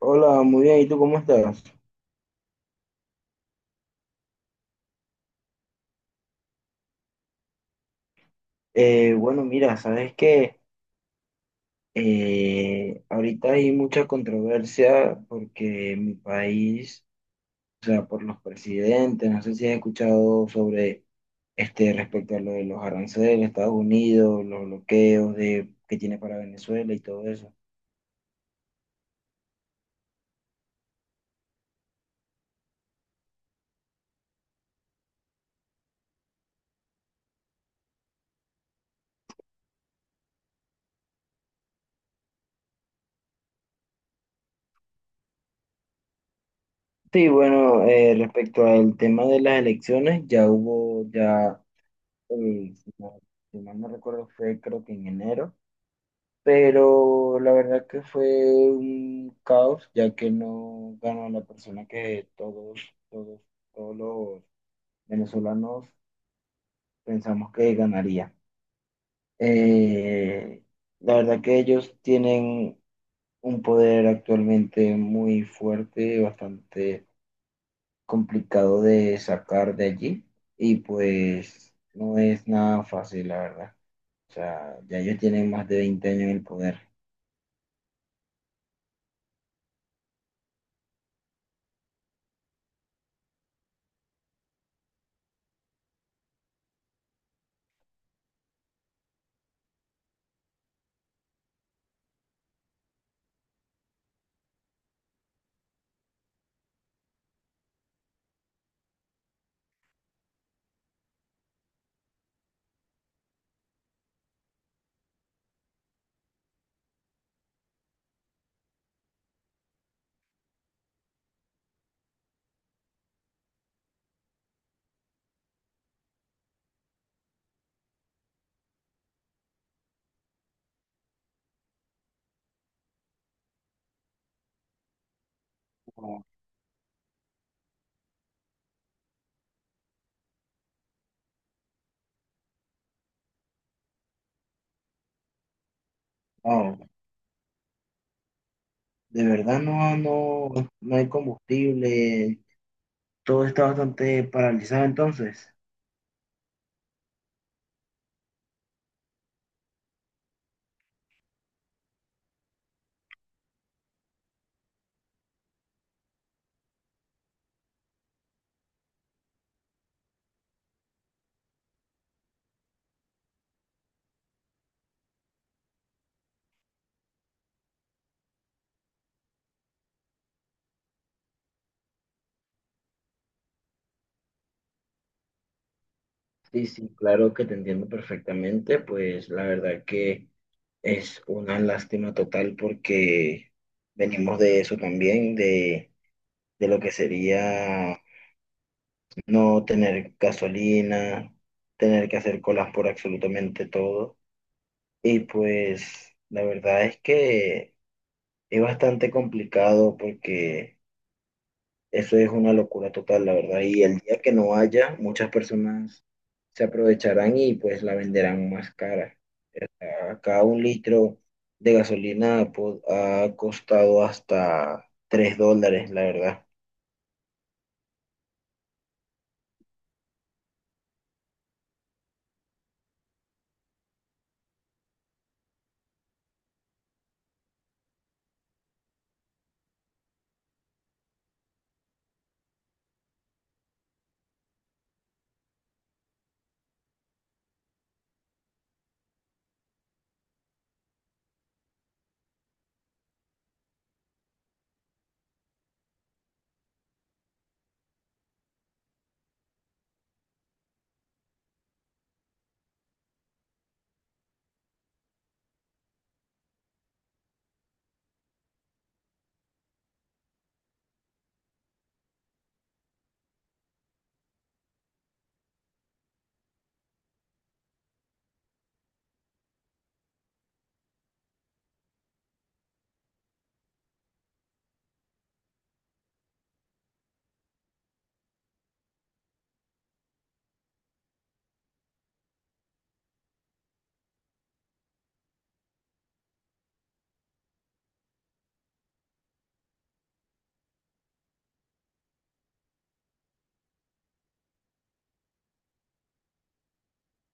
Hola, muy bien. ¿Y tú cómo estás? Bueno, Mira, sabes que ahorita hay mucha controversia porque mi país, o sea, por los presidentes, no sé si has escuchado sobre este respecto a lo de los aranceles, Estados Unidos, los bloqueos de, que tiene para Venezuela y todo eso. Sí, bueno, respecto al tema de las elecciones, ya hubo, ya, eh, si mal si mal no recuerdo, fue creo que en enero. Pero la verdad que fue un caos, ya que no ganó la persona que todos, todos, todos los venezolanos pensamos que ganaría. Eh, la verdad que ellos tienen un poder actualmente muy fuerte, bastante complicado de sacar de allí, y pues no es nada fácil, la verdad. O sea, ya ellos tienen más de 20 años en el poder. No, de verdad no, no hay combustible, todo está bastante paralizado entonces. Sí, sí, claro que te entiendo perfectamente, pues la verdad que es una lástima total porque venimos de eso también, de lo que sería no tener gasolina, tener que hacer colas por absolutamente todo. Y pues la verdad es que es bastante complicado porque... Eso es una locura total, la verdad. Y el día que no haya, muchas personas se aprovecharán y pues la venderán más cara. Acá un litro de gasolina ha costado hasta $3, la verdad.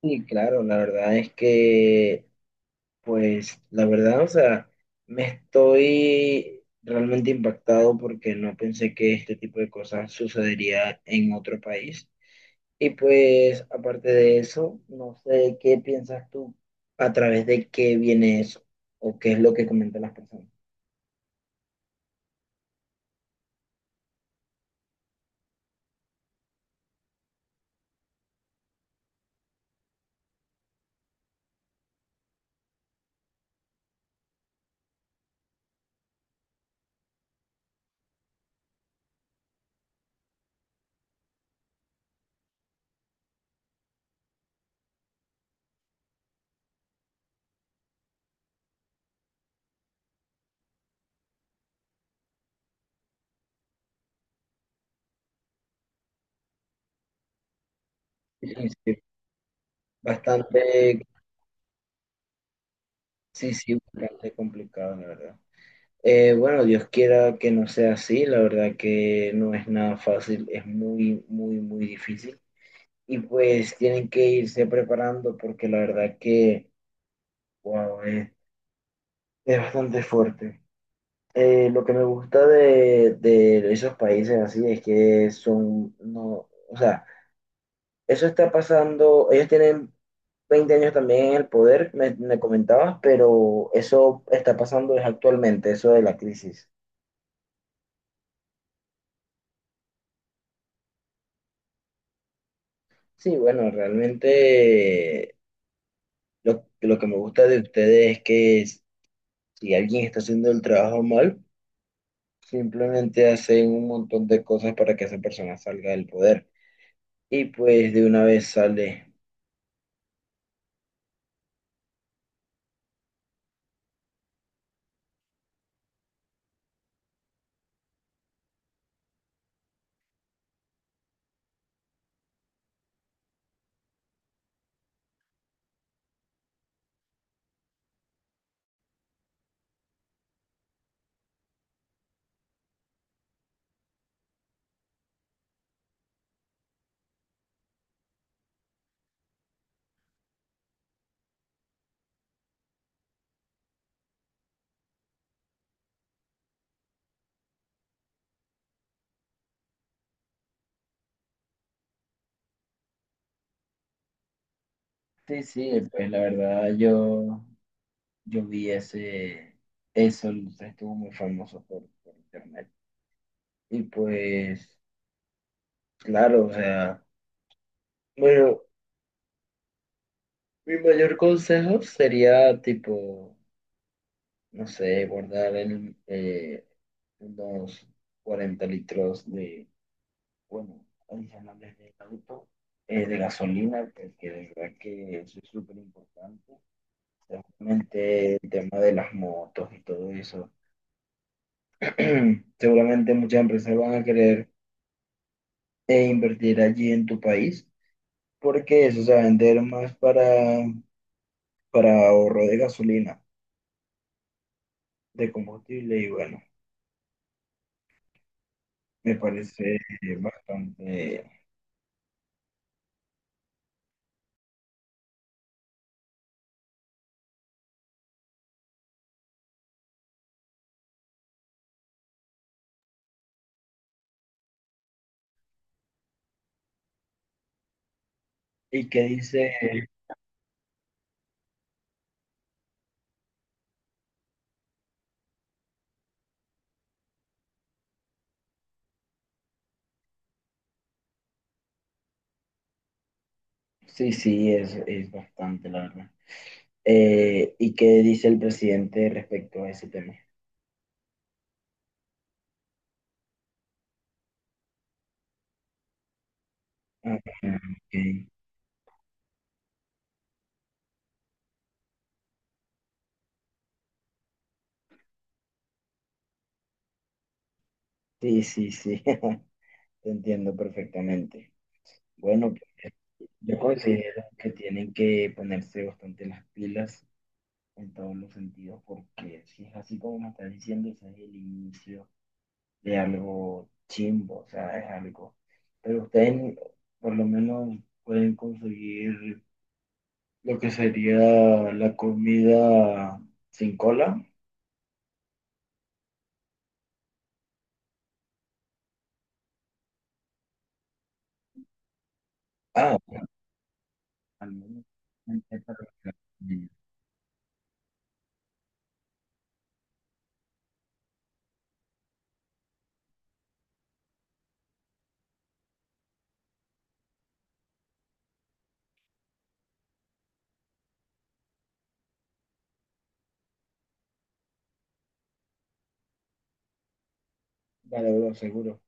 Y claro, la verdad es que, pues, la verdad, o sea, me estoy realmente impactado porque no pensé que este tipo de cosas sucedería en otro país. Y pues, aparte de eso, no sé qué piensas tú a través de qué viene eso o qué es lo que comentan las personas. Sí, sí. Bastante, sí, sí, bastante complicado, la verdad. Bueno, Dios quiera que no sea así, la verdad que no es nada fácil, es muy, muy, muy difícil. Y pues tienen que irse preparando porque la verdad wow, es bastante fuerte. Lo que me gusta de esos países así es que son, no, o sea, eso está pasando, ellos tienen 20 años también en el poder, me comentabas, pero eso está pasando es actualmente, eso de la crisis. Sí, bueno, realmente lo que me gusta de ustedes es que si alguien está haciendo el trabajo mal, simplemente hacen un montón de cosas para que esa persona salga del poder y pues de una vez sale. Sí, sí, pues la verdad yo vi ese, eso, estuvo muy famoso por internet. Y pues, claro, o sea, bueno, mi mayor consejo sería tipo, no sé, guardar el, unos 40 litros de, bueno, adicionales de auto, de gasolina, porque de verdad que eso es súper importante. Realmente el tema de las motos y todo eso seguramente muchas empresas van a querer invertir allí en tu país porque eso se va a vender más para ahorro de gasolina, de combustible y bueno, me parece bastante. ¿Y qué dice? Sí, sí, es bastante, la verdad. ¿Y qué dice el presidente respecto a ese tema? Ah, ok. Sí, sí, sí, te entiendo perfectamente. Bueno, pues, yo considero que tienen que ponerse bastante las pilas en todos los sentidos, porque si es así como me estás diciendo, ese es el inicio de algo chimbo, o sea, es algo. Pero ustedes por lo menos pueden conseguir lo que sería la comida sin cola. Ah, al menos. Vale, bro, seguro.